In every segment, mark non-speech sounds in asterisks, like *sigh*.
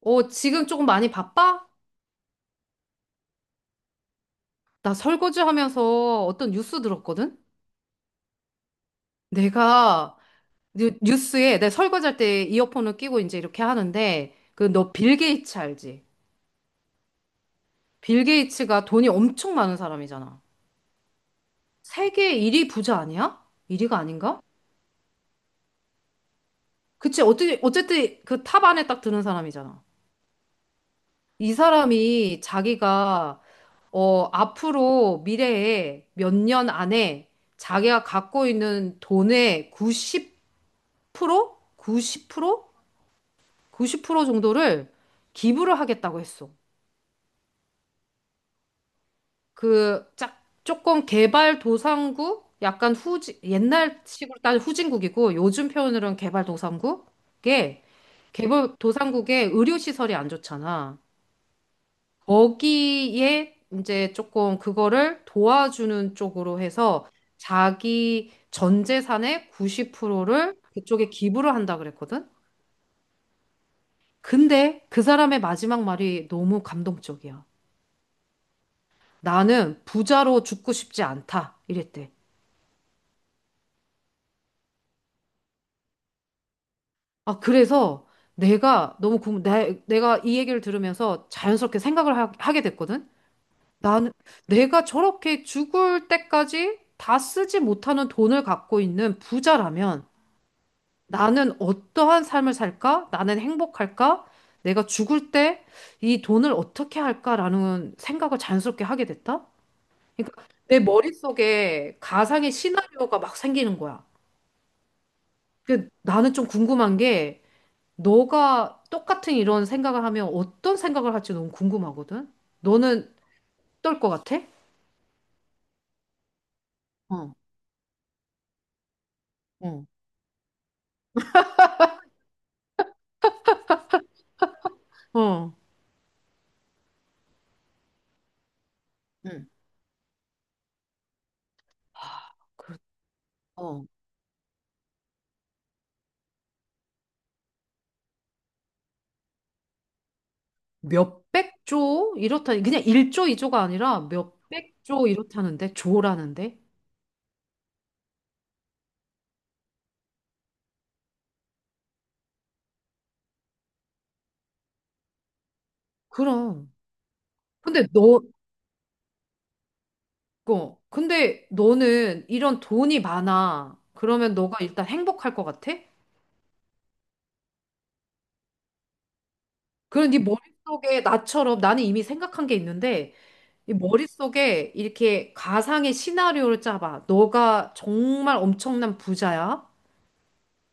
지금 조금 많이 바빠? 나 설거지 하면서 어떤 뉴스 들었거든? 내가 뉴스에 내 설거지할 때 이어폰을 끼고 이제 이렇게 하는데 그 너 빌 게이츠 알지? 빌 게이츠가 돈이 엄청 많은 사람이잖아. 세계 1위 부자 아니야? 1위가 아닌가? 그치, 어떻게, 어쨌든 그 탑 안에 딱 드는 사람이잖아. 이 사람이 자기가 앞으로 미래에 몇 년 안에 자기가 갖고 있는 돈의 90 90%? 90%? 90% 정도를 기부를 하겠다고 했어. 조금 개발도상국? 약간 후진 옛날식으로 따지면 후진국이고, 요즘 표현으로는 개발도상국에 의료시설이 안 좋잖아. 거기에 이제 조금 그거를 도와주는 쪽으로 해서 자기 전 재산의 90%를 그쪽에 기부를 한다 그랬거든? 근데 그 사람의 마지막 말이 너무 감동적이야. 나는 부자로 죽고 싶지 않다. 이랬대. 아, 그래서 내가 너무 내가 이 얘기를 들으면서 자연스럽게 생각을 하게 됐거든? 나는 내가 저렇게 죽을 때까지 다 쓰지 못하는 돈을 갖고 있는 부자라면 나는 어떠한 삶을 살까? 나는 행복할까? 내가 죽을 때 이 돈을 어떻게 할까라는 생각을 자연스럽게 하게 됐다? 그러니까 내 머릿속에 가상의 시나리오가 막 생기는 거야. 그 나는 좀 궁금한 게 너가 똑같은 이런 생각을 하면 어떤 생각을 할지 너무 궁금하거든. 너는 어떨 것 같아? 어, 어, 어. 응, 아, 어, 몇백 조 이렇다. 그냥 1조, 2조가 아니라 몇백 조 이렇다는데 조라는데. 그럼. 근데 너, 근데 너는 이런 돈이 많아. 그러면 너가 일단 행복할 것 같아? 그런 네 머릿속에 나처럼 나는 이미 생각한 게 있는데 이 머릿속에 이렇게 가상의 시나리오를 짜봐. 너가 정말 엄청난 부자야.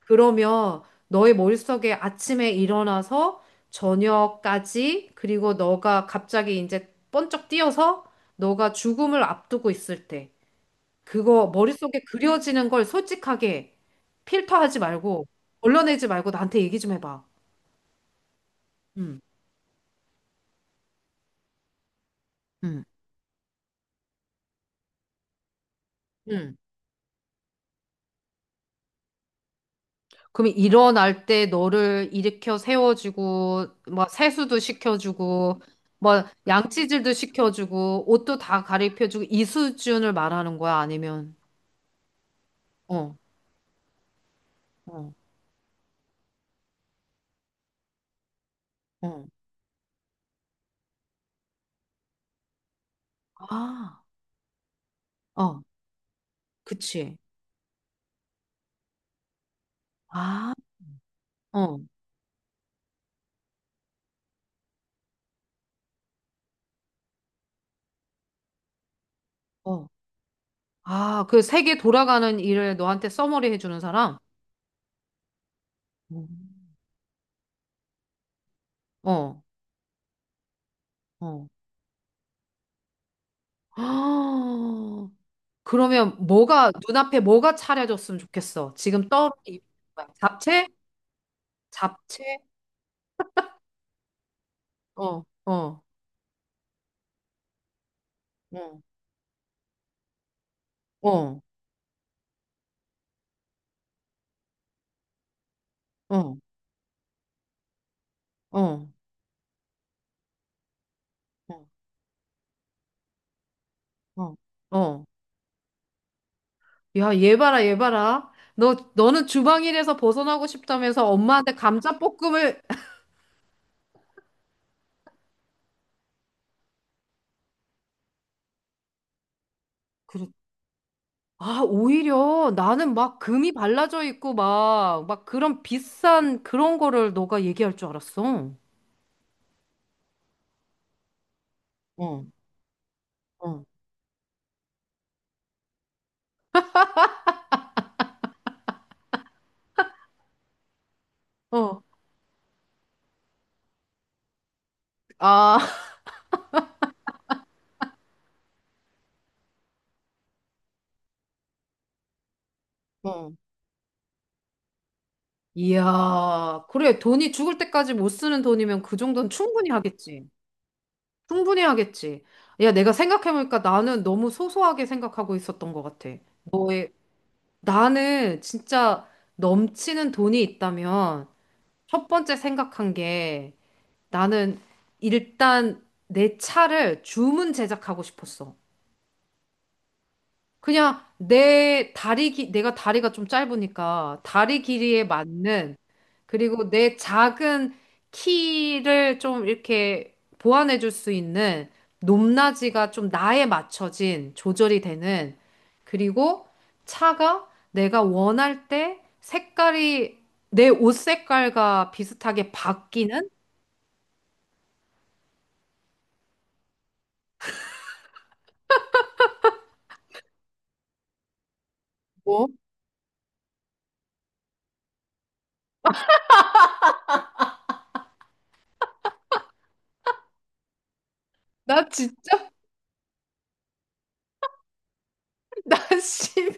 그러면 너의 머릿속에 아침에 일어나서 저녁까지 그리고 너가 갑자기 이제 번쩍 뛰어서 너가 죽음을 앞두고 있을 때 그거 머릿속에 그려지는 걸 솔직하게 필터하지 말고 걸러내지 말고 나한테 얘기 좀 해봐. 응, 응, 응. 그럼 일어날 때 너를 일으켜 세워주고, 뭐 세수도 시켜주고, 뭐 양치질도 시켜주고, 옷도 다 가리켜주고, 이 수준을 말하는 거야? 아니면, 어, 어, 어. 아, 어, 그치. 아, 어, 어. 아, 그 세계 돌아가는 일을 너한테 써머리 해주는 사람? 음. 어, 어. *gasps* 아, 그러면 뭐가, 눈앞에 뭐가 차려졌으면 좋겠어? 지금 떠오르는 잡채? 잡채? 어, 어, 어, 어, 어, 어, 어, 어. 어. 야, 얘 봐라, 얘 봐라. 너는 주방일에서 벗어나고 싶다면서 엄마한테 감자볶음을. 그래. 아, 오히려 나는 막 금이 발라져 있고 막, 막 그런 비싼 그런 거를 너가 얘기할 줄 알았어. 어, 어, 어. 아, *laughs* 어. 이야, 그래. 돈이 죽을 때까지 못 쓰는 돈이면 그 정도는 충분히 하겠지. 충분히 하겠지. 야, 내가 생각해보니까 나는 너무 소소하게 생각하고 있었던 것 같아. 나는 진짜 넘치는 돈이 있다면 첫 번째 생각한 게 나는 일단 내 차를 주문 제작하고 싶었어. 그냥 내가 다리가 좀 짧으니까 다리 길이에 맞는 그리고 내 작은 키를 좀 이렇게 보완해 줄 수 있는 높낮이가 좀 나에 맞춰진 조절이 되는 그리고 차가 내가 원할 때 색깔이 내 옷 색깔과 비슷하게 바뀌는 뭐? 나 진짜 나 시민,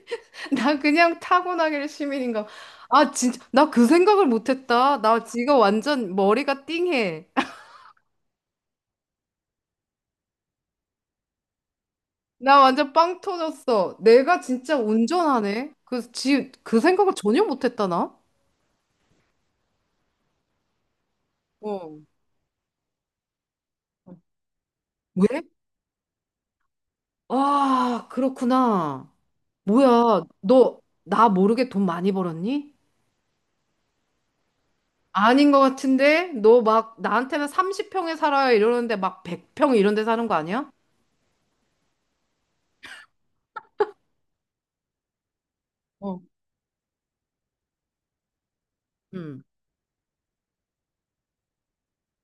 나 그냥 타고나길 시민인가. 아, 진짜, 나 그 생각을 못했다. 나 지금 완전 머리가 띵해. 나 완전 빵 터졌어. 내가 진짜 운전하네. 그 생각을 전혀 못했다, 나. 어. 왜? 아, 그렇구나. 뭐야, 너, 나 모르게 돈 많이 벌었니? 아닌 것 같은데? 너 막, 나한테는 30평에 살아요 이러는데 막 100평 이런 데 사는 거 아니야? 어.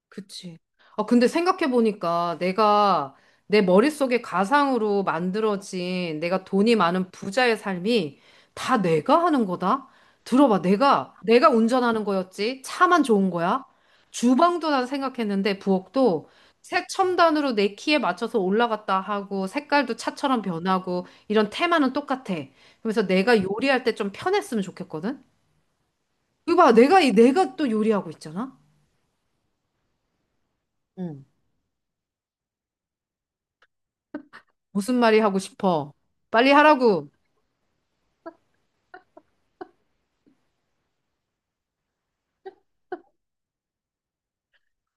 그치. 아, 근데 생각해보니까 내가 내 머릿속에 가상으로 만들어진 내가 돈이 많은 부자의 삶이 다 내가 하는 거다? 들어봐. 내가 운전하는 거였지. 차만 좋은 거야. 주방도 난 생각했는데, 부엌도 색 첨단으로 내 키에 맞춰서 올라갔다 하고, 색깔도 차처럼 변하고, 이런 테마는 똑같아. 그래서 내가 요리할 때 좀 편했으면 좋겠거든? 이거 봐. 내가 또 요리하고 있잖아? 무슨 말이 하고 싶어? 빨리 하라고.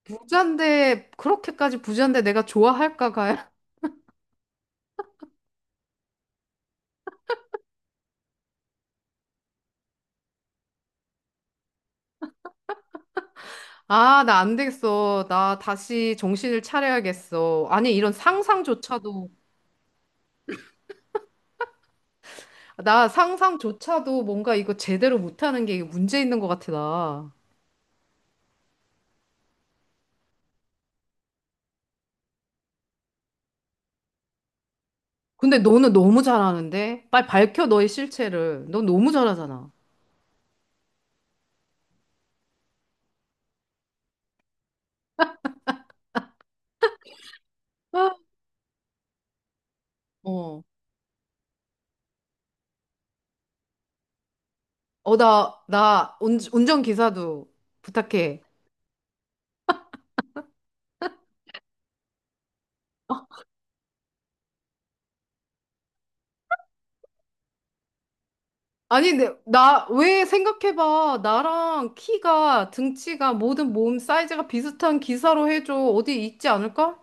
부잔데, 그렇게까지 부잔데 내가 좋아할까, 가야? *laughs* 아, 나 안 되겠어. 나 다시 정신을 차려야겠어. 아니, 이런 상상조차도, 나 상상조차도 뭔가 이거 제대로 못하는 게 이게 문제 있는 것 같아, 나. 근데 너는 너무 잘하는데? 빨리 밝혀, 너의 실체를. 넌 너무 잘하잖아. 아, 어. 나 운전기사도 부탁해. 아니, 근데 왜 생각해봐. 나랑 키가, 등치가, 모든 몸 사이즈가 비슷한 기사로 해줘. 어디 있지 않을까?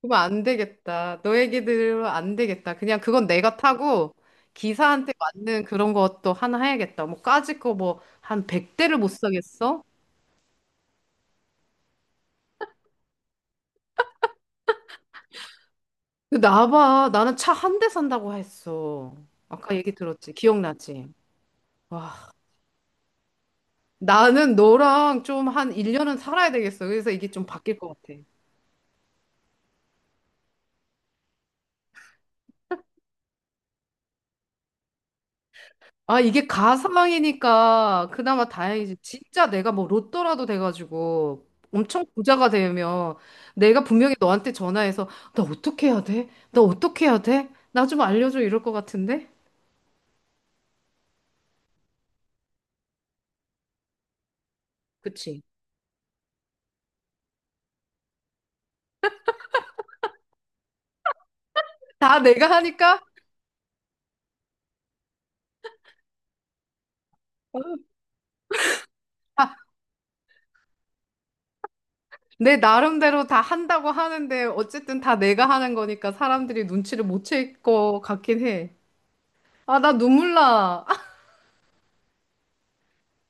그러면 안 되겠다. 너 얘기 들으면 안 되겠다. 그냥 그건 내가 타고 기사한테 맞는 그런 것도 하나 해야겠다. 뭐 까짓 거 뭐 한 100대를 못 사겠어? 나 봐. 나는 차 한 대 산다고 했어. 아까 얘기 들었지. 기억나지? 와, 나는 너랑 좀 한 1년은 살아야 되겠어. 그래서 이게 좀 바뀔 것 같아. 아, 이게 가상이니까 그나마 다행이지. 진짜 내가 뭐 로또라도 돼가지고 엄청 부자가 되면 내가 분명히 너한테 전화해서 나 어떻게 해야 돼? 나 어떻게 해야 돼? 나 좀 알려줘 이럴 것 같은데? 그치? 다 내가 하니까 아, 내 나름대로 다 한다고 하는데 어쨌든 다 내가 하는 거니까 사람들이 눈치를 못챌 것 같긴 해. 아, 나 눈물 나.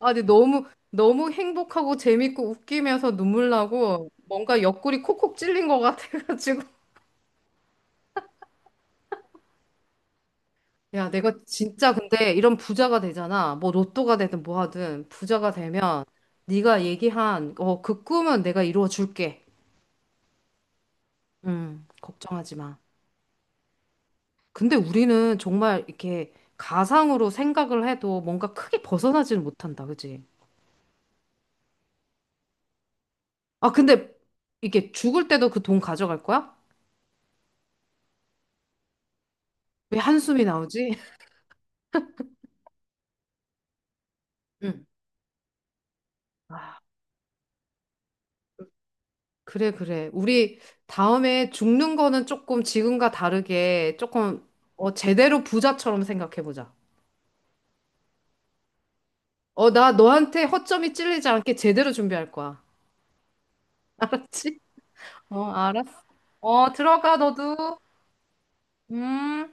아, 근데 너무, 너무 행복하고 재밌고 웃기면서 눈물 나고 뭔가 옆구리 콕콕 찔린 것 같아가지고. *laughs* 야, 내가 진짜 근데 이런 부자가 되잖아. 뭐 로또가 되든 뭐 하든 부자가 되면 네가 얘기한 그 꿈은 내가 이루어 줄게. 걱정하지 마. 근데 우리는 정말 이렇게 가상으로 생각을 해도 뭔가 크게 벗어나지는 못한다. 그지? 아, 근데 이게 죽을 때도 그 돈 가져갈 거야? 왜 한숨이 나오지? *laughs* 응. 그래, 그래. 우리 다음에 죽는 거는 조금 지금과 다르게 제대로 부자처럼 생각해보자. 나 너한테 허점이 찔리지 않게 제대로 준비할 거야. *laughs* 알았지? 어, 알았어. 어, 들어가, 너도. 음.